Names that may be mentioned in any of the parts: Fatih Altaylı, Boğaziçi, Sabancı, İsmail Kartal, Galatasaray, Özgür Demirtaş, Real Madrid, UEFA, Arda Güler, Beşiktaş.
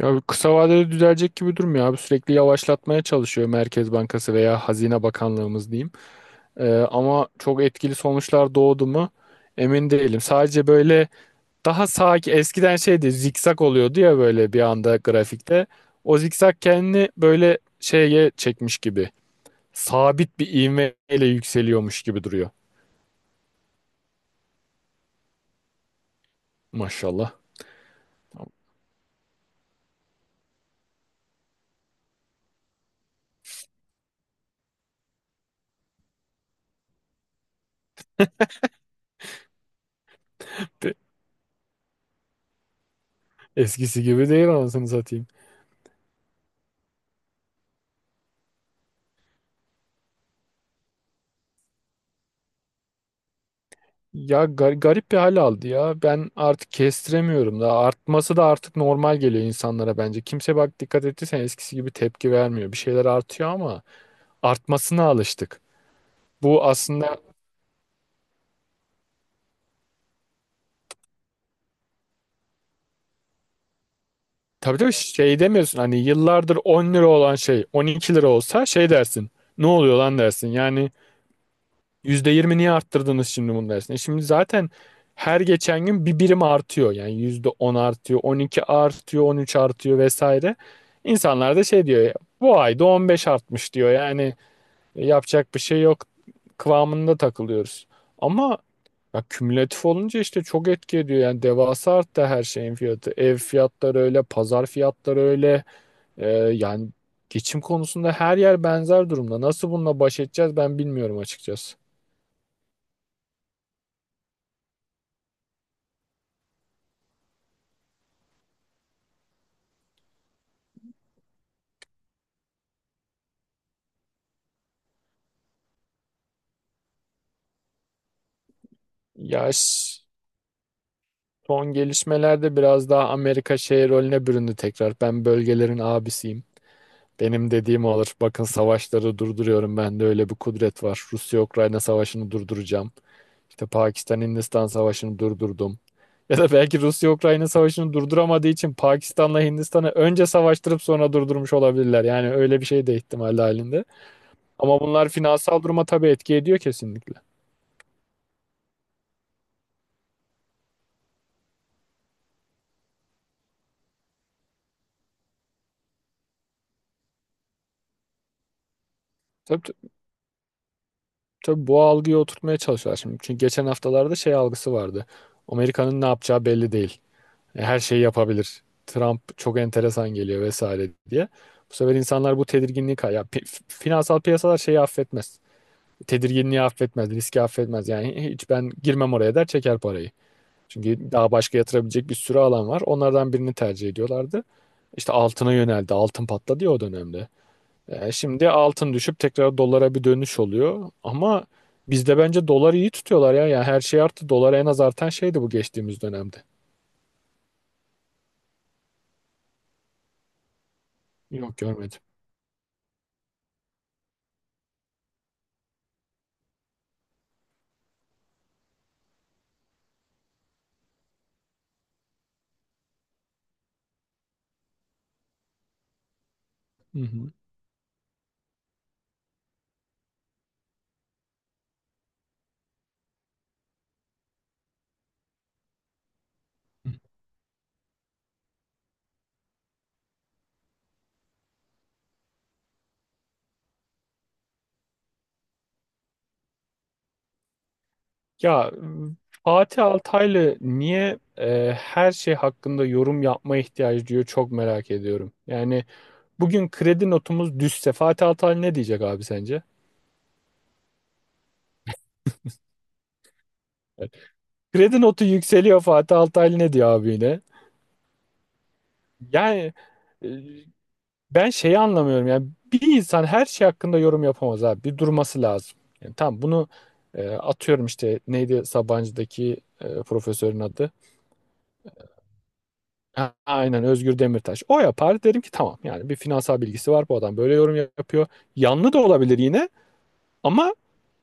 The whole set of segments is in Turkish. Ya kısa vadede düzelecek gibi durmuyor abi. Sürekli yavaşlatmaya çalışıyor Merkez Bankası veya Hazine Bakanlığımız diyeyim. Ama çok etkili sonuçlar doğdu mu emin değilim. Sadece böyle daha sakin eskiden şeydi, zikzak oluyordu ya, böyle bir anda grafikte. O zikzak kendini böyle şeye çekmiş gibi. Sabit bir ivmeyle yükseliyormuş gibi duruyor. Maşallah. Eskisi gibi değil, anasını satayım. Ya garip bir hal aldı ya. Ben artık kestiremiyorum da. Artması da artık normal geliyor insanlara bence. Kimse, bak dikkat ettiysen, eskisi gibi tepki vermiyor. Bir şeyler artıyor ama artmasına alıştık. Bu aslında, tabii tabii, şey demiyorsun, hani yıllardır 10 lira olan şey 12 lira olsa şey dersin. Ne oluyor lan dersin. Yani %20 niye arttırdınız şimdi bunu dersin? E şimdi zaten her geçen gün bir birim artıyor. Yani %10 artıyor, 12 artıyor, 13 artıyor vesaire. İnsanlar da şey diyor, bu ayda 15 artmış diyor. Yani E, yapacak bir şey yok kıvamında takılıyoruz. Ama ya, kümülatif olunca işte çok etki ediyor. Yani devasa arttı her şeyin fiyatı. Ev fiyatları öyle, pazar fiyatları öyle. Yani geçim konusunda her yer benzer durumda. Nasıl bununla baş edeceğiz, ben bilmiyorum açıkçası. Ya son gelişmelerde biraz daha Amerika şey rolüne büründü tekrar. Ben bölgelerin abisiyim. Benim dediğim olur. Bakın, savaşları durduruyorum. Bende öyle bir kudret var. Rusya-Ukrayna savaşını durduracağım. İşte Pakistan-Hindistan savaşını durdurdum. Ya da belki Rusya-Ukrayna savaşını durduramadığı için Pakistan'la Hindistan'ı önce savaştırıp sonra durdurmuş olabilirler. Yani öyle bir şey de ihtimal halinde. Ama bunlar finansal duruma tabii etki ediyor kesinlikle. Tabii. Tabii bu algıyı oturtmaya çalışıyorlar şimdi. Çünkü geçen haftalarda şey algısı vardı. Amerika'nın ne yapacağı belli değil. E, her şeyi yapabilir. Trump çok enteresan geliyor vesaire diye. Bu sefer insanlar bu tedirginliği finansal piyasalar şeyi affetmez. Tedirginliği affetmez, riski affetmez. Yani hiç ben girmem oraya der, çeker parayı. Çünkü daha başka yatırabilecek bir sürü alan var. Onlardan birini tercih ediyorlardı. İşte altına yöneldi. Altın patladı ya o dönemde. E, şimdi altın düşüp tekrar dolara bir dönüş oluyor. Ama bizde bence doları iyi tutuyorlar ya. Yani her şey arttı. Dolar en az artan şeydi bu geçtiğimiz dönemde. Yok, görmedim. Hı hı. Ya Fatih Altaylı niye her şey hakkında yorum yapmaya ihtiyacı duyuyor, çok merak ediyorum. Yani bugün kredi notumuz düşse Fatih Altaylı ne diyecek abi sence? Evet. Kredi notu yükseliyor, Fatih Altaylı ne diyor abi yine? Yani, e, ben şeyi anlamıyorum yani, bir insan her şey hakkında yorum yapamaz abi. Bir durması lazım. Yani tam bunu, atıyorum işte neydi Sabancı'daki profesörün adı? Ha, aynen, Özgür Demirtaş. O yapar, derim ki tamam, yani bir finansal bilgisi var bu adam, böyle yorum yapıyor. Yanlı da olabilir yine ama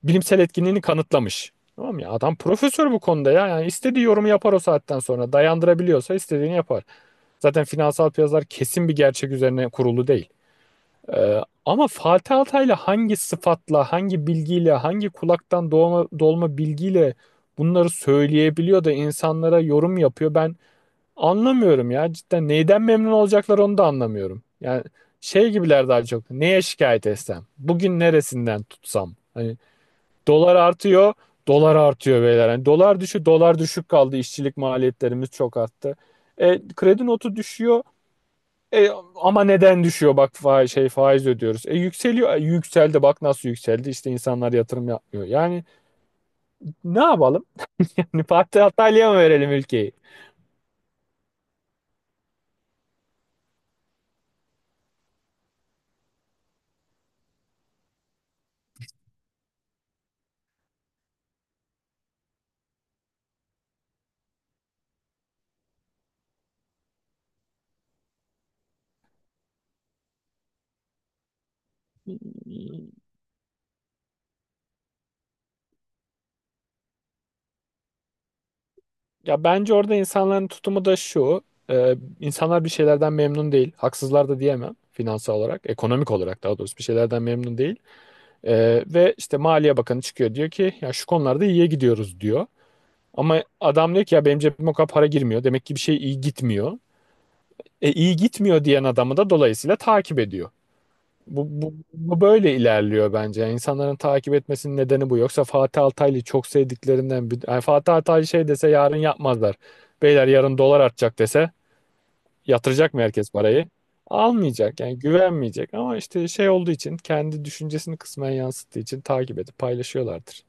bilimsel etkinliğini kanıtlamış. Tamam ya, adam profesör bu konuda ya, yani istediği yorumu yapar, o saatten sonra dayandırabiliyorsa istediğini yapar. Zaten finansal piyasalar kesin bir gerçek üzerine kurulu değil. Ama Fatih Altaylı hangi sıfatla, hangi bilgiyle, hangi kulaktan doğma, dolma bilgiyle bunları söyleyebiliyor da insanlara yorum yapıyor? Ben anlamıyorum ya cidden, neyden memnun olacaklar onu da anlamıyorum. Yani şey gibiler daha çok, neye şikayet etsem, bugün neresinden tutsam. Hani dolar artıyor, dolar artıyor beyler. Hani dolar düşük kaldı, İşçilik maliyetlerimiz çok arttı. E, kredi notu düşüyor. E, ama neden düşüyor bak, faiz, şey faiz ödüyoruz. E yükseliyor. E, yükseldi bak nasıl yükseldi. İşte insanlar yatırım yapmıyor. Yani ne yapalım? Yani Fatih Altaylı'ya mı verelim ülkeyi? Ya bence orada insanların tutumu da şu. E, insanlar bir şeylerden memnun değil. Haksızlar da diyemem, finansal olarak, ekonomik olarak daha doğrusu bir şeylerden memnun değil. E, ve işte Maliye Bakanı çıkıyor diyor ki ya şu konularda iyiye gidiyoruz diyor. Ama adam diyor ki ya benim cebime o kadar para girmiyor. Demek ki bir şey iyi gitmiyor. E, iyi gitmiyor diyen adamı da dolayısıyla takip ediyor. Bu böyle ilerliyor bence. Yani insanların takip etmesinin nedeni bu. Yoksa Fatih Altaylı'yı çok sevdiklerinden bir... Yani Fatih Altaylı şey dese yarın yapmazlar. Beyler yarın dolar artacak dese, yatıracak mı herkes parayı? Almayacak, yani güvenmeyecek, ama işte şey olduğu için, kendi düşüncesini kısmen yansıttığı için takip edip paylaşıyorlardır.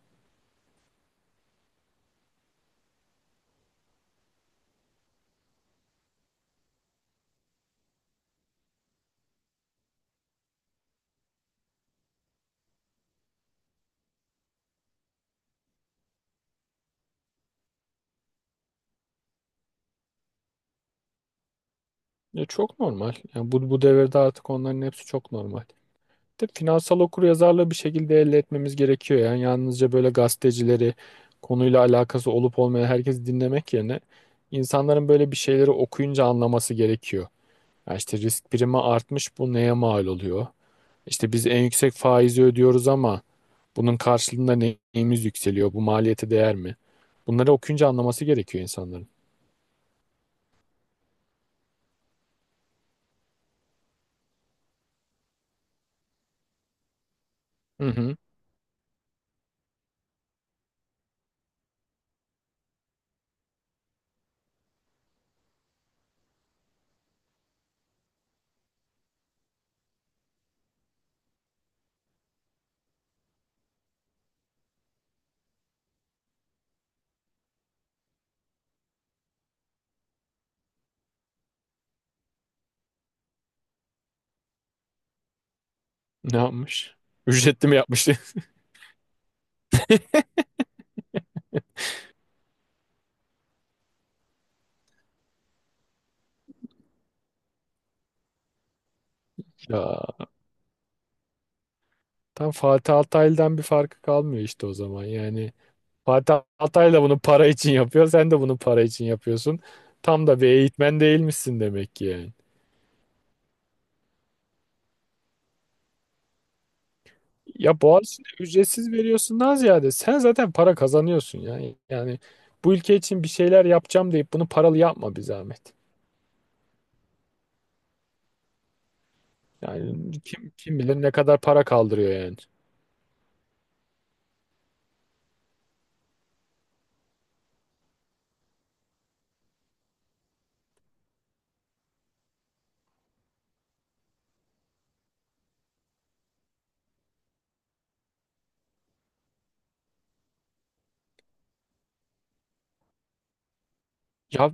E, çok normal. Yani bu, bu devirde artık onların hepsi çok normal. De finansal okuryazarlığı bir şekilde elde etmemiz gerekiyor. Yani yalnızca böyle gazetecileri, konuyla alakası olup olmayan herkesi dinlemek yerine insanların böyle bir şeyleri okuyunca anlaması gerekiyor. Ya işte risk primi artmış, bu neye mal oluyor? İşte biz en yüksek faizi ödüyoruz ama bunun karşılığında neyimiz yükseliyor? Bu maliyete değer mi? Bunları okuyunca anlaması gerekiyor insanların. Hı hı. Ne yapmış? Ücretli mi yapmıştı? Ya tam Fatih Altaylı'dan bir farkı kalmıyor işte o zaman. Yani Fatih Altay da bunu para için yapıyor. Sen de bunu para için yapıyorsun. Tam da bir eğitmen değilmişsin demek ki yani. Ya Boğaziçi'ne ücretsiz veriyorsun daha ziyade, sen zaten para kazanıyorsun yani. Yani bu ülke için bir şeyler yapacağım deyip bunu paralı yapma bir zahmet. Yani kim, kim bilir ne kadar para kaldırıyor yani. Ya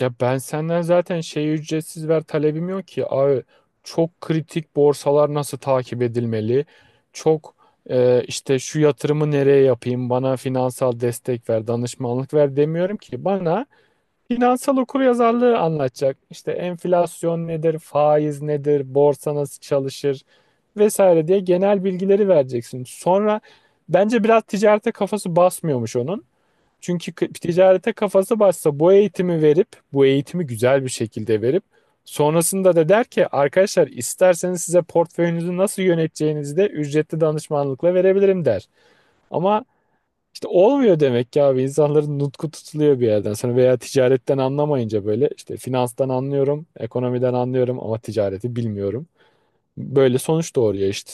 Ya ben senden zaten şey, ücretsiz ver talebim yok ki. Abi çok kritik borsalar nasıl takip edilmeli? Çok, işte şu yatırımı nereye yapayım? Bana finansal destek ver, danışmanlık ver demiyorum ki. Bana finansal okuryazarlığı anlatacak. İşte enflasyon nedir, faiz nedir, borsa nasıl çalışır vesaire diye genel bilgileri vereceksin. Sonra, bence biraz ticarete kafası basmıyormuş onun. Çünkü ticarete kafası başsa bu eğitimi verip, bu eğitimi güzel bir şekilde verip, sonrasında da der ki arkadaşlar isterseniz size portföyünüzü nasıl yöneteceğinizi de ücretli danışmanlıkla verebilirim der. Ama işte olmuyor demek ki abi, insanların nutku tutuluyor bir yerden sonra, veya ticaretten anlamayınca böyle işte finanstan anlıyorum, ekonomiden anlıyorum ama ticareti bilmiyorum. Böyle sonuç doğuruyor işte.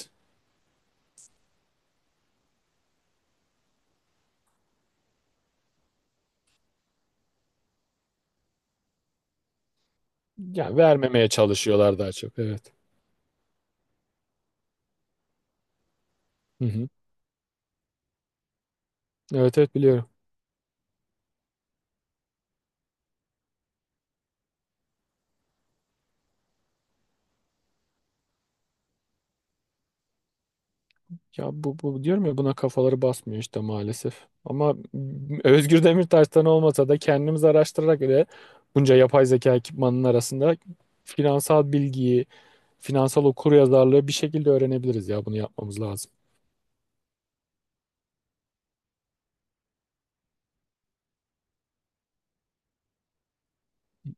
Yani vermemeye çalışıyorlar daha çok, evet. Hı hı. Evet, evet, biliyorum. Ya bu, bu diyorum ya, buna kafaları basmıyor işte maalesef. Ama Özgür Demirtaş'tan olmasa da kendimiz araştırarak ve bunca yapay zeka ekipmanının arasında finansal bilgiyi, finansal okuryazarlığı bir şekilde öğrenebiliriz ya, bunu yapmamız lazım.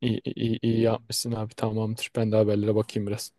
İyi, iyi, iyi iyi yapmışsın abi, tamamdır. Ben de haberlere bakayım biraz.